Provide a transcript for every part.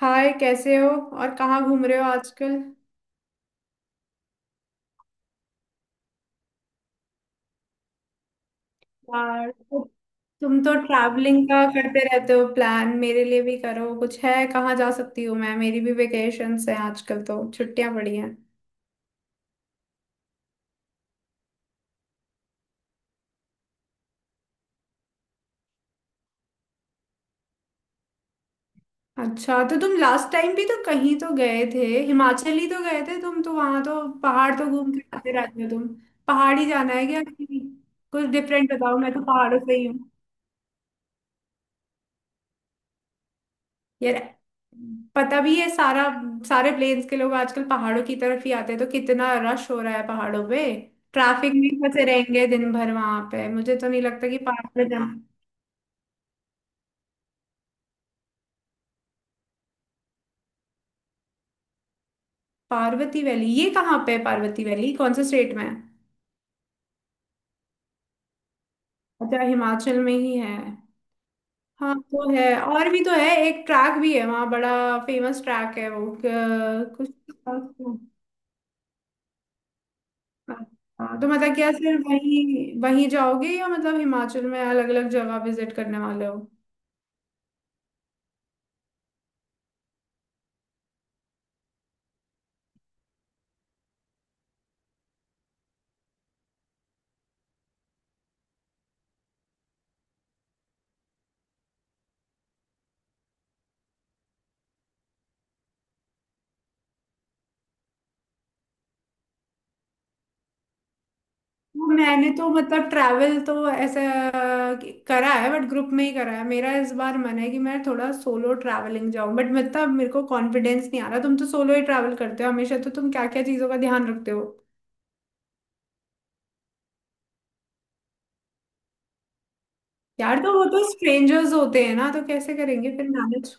हाय, कैसे हो और कहाँ घूम रहे हो आजकल। यार, तो तुम तो ट्रैवलिंग का करते रहते हो, प्लान मेरे लिए भी करो कुछ। है कहाँ जा सकती हूँ मैं? मेरी भी वेकेशंस हैं आजकल, तो छुट्टियां पड़ी हैं। अच्छा, तो तुम लास्ट टाइम भी तो कहीं तो गए थे, हिमाचल ही तो गए थे तुम तो। वहां तो पहाड़ तो घूम के आते रहते हो तुम। पहाड़ ही जाना है क्या? कुछ डिफरेंट बताओ, मैं तो पहाड़ों से ही हूँ। यार, पता भी है सारा। सारे प्लेन्स के लोग आजकल पहाड़ों की तरफ ही आते हैं, तो कितना रश हो रहा है पहाड़ों पे। ट्रैफिक में फंसे रहेंगे दिन भर वहां पे, मुझे तो नहीं लगता। कि पार्वती, पार्वती वैली ये कहाँ पे है? पार्वती वैली कौन से स्टेट में है? अच्छा, हिमाचल में ही है। हाँ तो है, और भी तो है, एक ट्रैक भी है वहाँ बड़ा फेमस ट्रैक है वो, कुछ। हाँ, तो मतलब क्या सिर्फ वही वही जाओगे या मतलब हिमाचल में अलग अलग जगह विजिट करने वाले हो? मैंने तो मतलब ट्रैवल तो ऐसा करा है, बट ग्रुप में ही करा है। मेरा इस बार मन है कि मैं थोड़ा सोलो ट्रैवलिंग जाऊं, बट मतलब मेरे को कॉन्फिडेंस नहीं आ रहा। तुम तो सोलो ही ट्रैवल करते हो हमेशा, तो तुम क्या क्या चीजों का ध्यान रखते हो? यार तो वो तो स्ट्रेंजर्स होते हैं ना, तो कैसे करेंगे फिर मैनेज?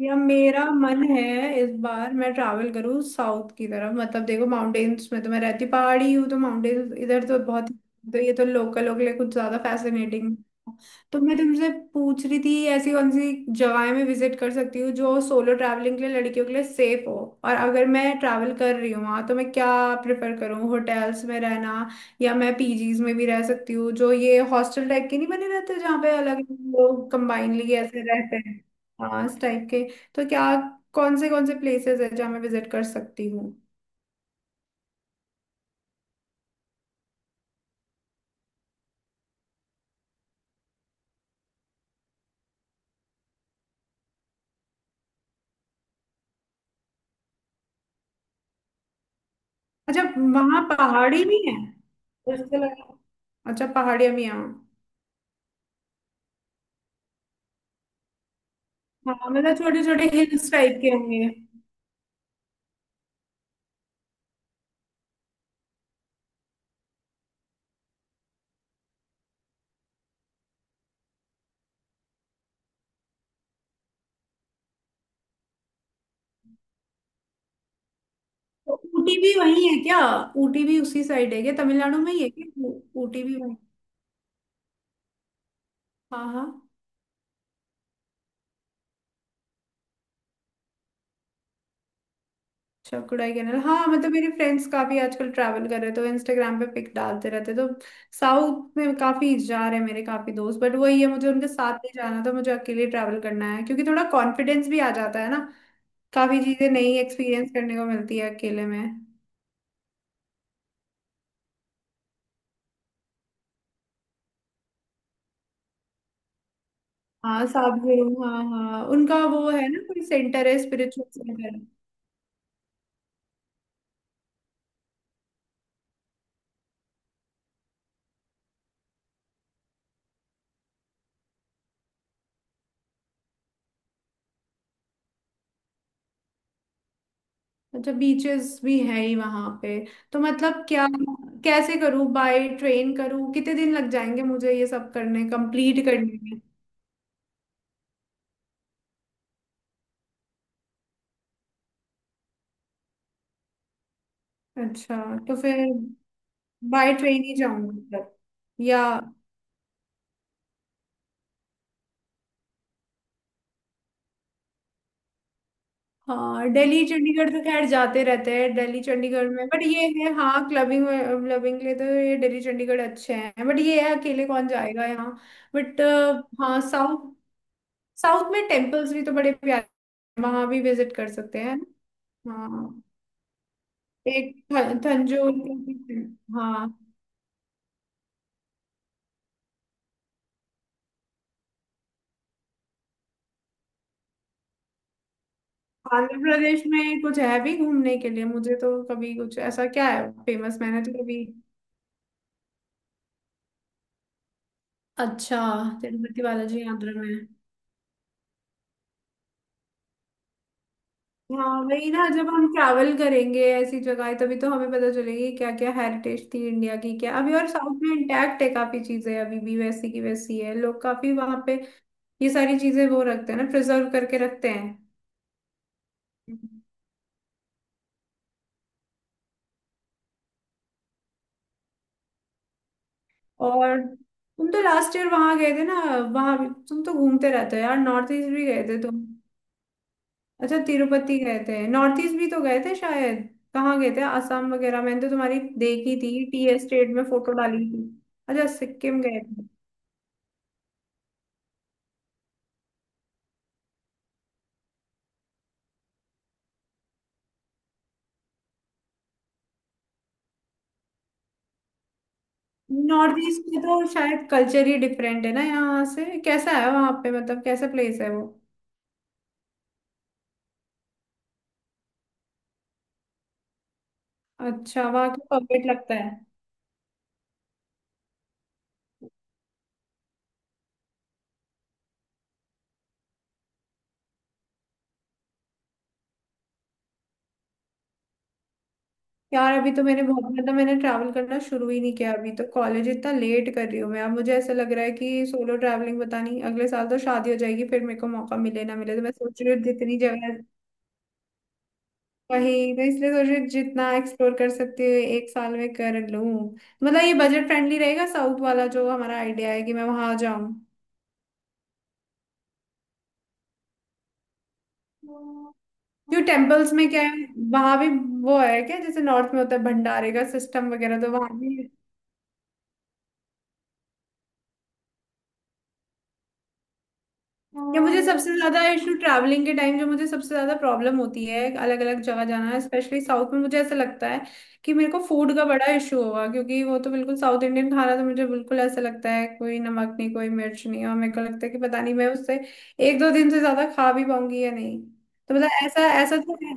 या मेरा मन है इस बार मैं ट्रैवल करूँ साउथ की तरफ। मतलब देखो, माउंटेन्स में तो मैं रहती पहाड़ी हूँ, तो माउंटेन्स इधर तो बहुत। तो ये तो लोकल लोग के लिए कुछ ज्यादा फैसिनेटिंग। तो मैं तुमसे पूछ रही थी ऐसी कौन सी जगहें मैं विजिट कर सकती हूँ जो सोलो ट्रैवलिंग के लिए, लड़कियों के लिए सेफ हो। और अगर मैं ट्रैवल कर रही हूँ वहाँ, तो मैं क्या प्रेफर करूँ, होटल्स में रहना या मैं पीजीज में भी रह सकती हूँ, जो ये हॉस्टल टाइप के नहीं बने रहते जहाँ पे अलग लोग कंबाइनली ऐसे रहते हैं। हाँ, इस टाइप के। तो क्या कौन से प्लेसेस है जहाँ मैं विजिट कर सकती हूँ? अच्छा, वहाँ पहाड़ी भी है? उसके अलावा- अच्छा, पहाड़ियाँ भी हैं। हाँ, मतलब छोटे छोटे हिल्स टाइप के होंगे। तो ऊटी भी वही है क्या? ऊटी भी उसी साइड है क्या? तमिलनाडु में ही है क्या ऊटी भी वही? हाँ हाँ। अच्छा कुडाई कैनाल। हाँ मतलब मेरे फ्रेंड्स काफी आजकल ट्रैवल कर रहे हैं तो इंस्टाग्राम पे पिक डालते रहते, तो साउथ में काफी जा रहे हैं मेरे काफी दोस्त। बट वही है, मुझे उनके साथ नहीं जाना था, मुझे अकेले ट्रैवल करना है, क्योंकि थोड़ा कॉन्फिडेंस भी आ जाता है ना। काफी चीजें नई एक्सपीरियंस करने को मिलती है अकेले में। हाँ साबजेरू, हाँ हाँ, उनका वो है ना, कोई सेंटर है स्पिरिचुअल सेंटर। अच्छा, बीचेस भी है ही वहां पे। तो मतलब क्या कैसे करूँ, बाय ट्रेन करूँ? कितने दिन लग जाएंगे मुझे ये सब करने, कंप्लीट करने में? अच्छा। तो फिर बाय ट्रेन ही जाऊंगी मतलब, या? हाँ, दिल्ली चंडीगढ़ तो खैर जाते रहते हैं, दिल्ली चंडीगढ़ में। बट ये है, हाँ, क्लबिंग, क्लबिंग के लिए तो ये दिल्ली चंडीगढ़ अच्छे हैं, बट ये है अकेले कौन जाएगा यहाँ। बट हाँ, साउथ, साउथ में टेम्पल्स भी तो बड़े प्यारे हैं, वहाँ भी विजिट कर सकते हैं। हाँ, एक थंजौर की- हाँ। आंध्र प्रदेश में कुछ है भी घूमने के लिए? मुझे तो कभी कुछ ऐसा, क्या है फेमस, मैंने तो कभी। अच्छा, तिरुपति बालाजी आंध्र में। हाँ वही ना, जब हम ट्रैवल करेंगे ऐसी जगह तभी तो हमें पता चलेगी क्या क्या हेरिटेज थी इंडिया की। क्या अभी और साउथ में इंटैक्ट है, काफी चीजें अभी भी वैसी की वैसी है, लोग काफी वहां पे ये सारी चीजें वो रखते हैं ना, प्रिजर्व करके रखते हैं। हम्म। और तुम तो लास्ट ईयर वहां गए थे ना, वहां भी तुम तो घूमते रहते हो यार। नॉर्थ ईस्ट भी गए थे तुम? अच्छा, तिरुपति गए थे। नॉर्थ ईस्ट भी तो गए थे शायद, कहाँ गए थे, आसाम वगैरह? मैंने तो तुम्हारी देखी थी, टी एस्टेट में फोटो डाली थी। अच्छा, सिक्किम गए। नॉर्थ ईस्ट में तो शायद कल्चर ही डिफरेंट है ना यहाँ से, कैसा है वहाँ पे, मतलब कैसा प्लेस है वो? अच्छा, वहाँ तो परफेक्ट लगता है। यार अभी तो मैंने बहुत, मतलब मैंने ट्रैवल करना शुरू ही नहीं किया अभी तो, कॉलेज इतना लेट कर रही हूँ मैं। अब मुझे ऐसा लग रहा है कि सोलो ट्रैवलिंग, पता नहीं, अगले साल तो शादी हो जाएगी, फिर मेरे को मौका मिले ना मिले, तो मैं सोच रही हूँ जितनी जगह। वही तो, इसलिए सोच रही हूँ जितना एक्सप्लोर कर सकती हूँ एक साल में कर लूँ। मतलब ये बजट फ्रेंडली रहेगा, साउथ वाला जो हमारा आइडिया है कि मैं वहां जाऊँ? क्यों, टेम्पल्स में क्या है? वहां भी वो है क्या, जैसे नॉर्थ में होता है भंडारे का सिस्टम वगैरह, तो वहां भी है? या मुझे सबसे ज्यादा इशू ट्रैवलिंग के टाइम, जो मुझे सबसे ज्यादा प्रॉब्लम होती है अलग अलग जगह जाना, स्पेशली साउथ में मुझे ऐसा लगता है कि मेरे को फूड का बड़ा इशू हुआ, क्योंकि वो तो बिल्कुल साउथ इंडियन खाना, तो मुझे बिल्कुल ऐसा लगता है कोई नमक नहीं, कोई मिर्च नहीं। और मेरे को लगता है कि पता नहीं मैं उससे एक दो दिन से ज्यादा खा भी पाऊंगी या नहीं, तो मतलब ऐसा ऐसा तो है।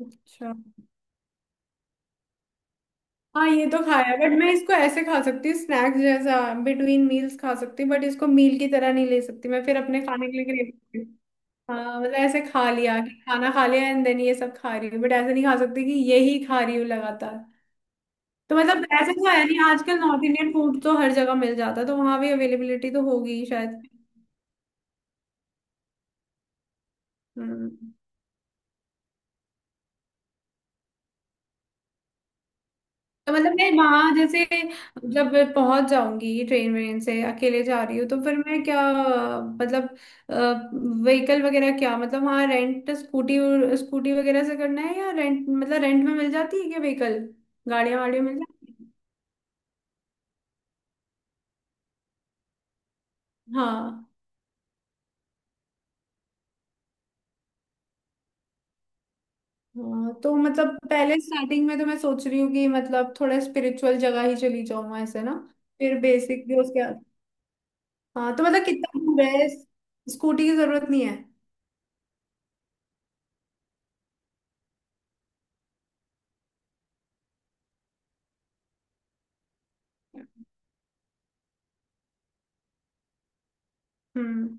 अच्छा, हाँ, ये तो खाया, बट मैं इसको ऐसे खा सकती हूँ स्नैक्स जैसा, बिटवीन मील्स खा सकती हूँ, बट इसको मील की तरह नहीं ले सकती मैं, फिर अपने खाने के लिए crave करती हूँ। हाँ मतलब ऐसे खा लिया कि खाना खा लिया एंड देन ये सब खा रही हूँ, बट ऐसे नहीं खा सकती कि यही खा रही हूँ लगातार। तो मतलब ऐसे तो है नहीं, आजकल नॉर्थ इंडियन फूड तो हर जगह मिल जाता है, तो वहां भी अवेलेबिलिटी तो होगी ही शायद। हम्म। तो मतलब मैं वहां जैसे जब मैं पहुंच जाऊंगी ट्रेन वेन से, अकेले जा रही हूँ, तो फिर मैं क्या, मतलब व्हीकल वगैरह क्या, मतलब वहां रेंट स्कूटी, स्कूटी वगैरह से करना है, या रेंट मतलब रेंट में मिल जाती है क्या व्हीकल, गाड़ियां वाड़ियां मिल जाती हैं? हाँ हाँ, तो मतलब पहले स्टार्टिंग में तो मैं सोच रही हूँ कि मतलब थोड़ा स्पिरिचुअल जगह ही चली जाऊँ ऐसे ना, फिर बेसिक भी उसके बाद। हाँ तो मतलब कितना दूर है? स्कूटी की जरूरत नहीं है? हम्म।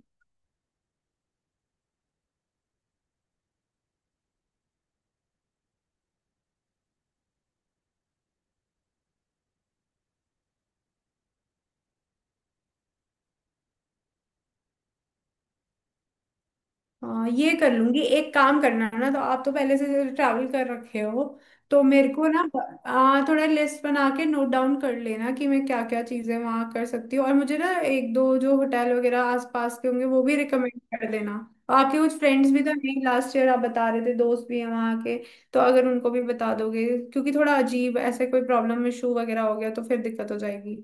हाँ, ये कर लूंगी। एक काम करना ना, तो आप तो पहले से ट्रैवल कर रखे हो, तो मेरे को ना थोड़ा लिस्ट बना के नोट डाउन कर लेना कि मैं क्या क्या चीजें वहां कर सकती हूँ। और मुझे ना एक दो जो होटल वगैरह आसपास के होंगे वो भी रिकमेंड कर देना। आपके कुछ फ्रेंड्स भी तो नहीं, लास्ट ईयर आप बता रहे थे, दोस्त भी हैं वहाँ के, तो अगर उनको भी बता दोगे, क्योंकि थोड़ा अजीब ऐसे कोई प्रॉब्लम इशू वगैरह हो गया तो फिर दिक्कत हो जाएगी।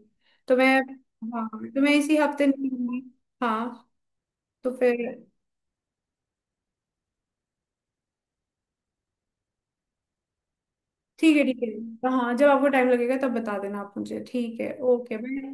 तो मैं, हाँ, तो मैं इसी हफ्ते निकलूंगी। हाँ तो फिर ठीक है, ठीक है। हाँ, जब आपको टाइम लगेगा तब बता देना आप मुझे, ठीक है, ओके, बाय।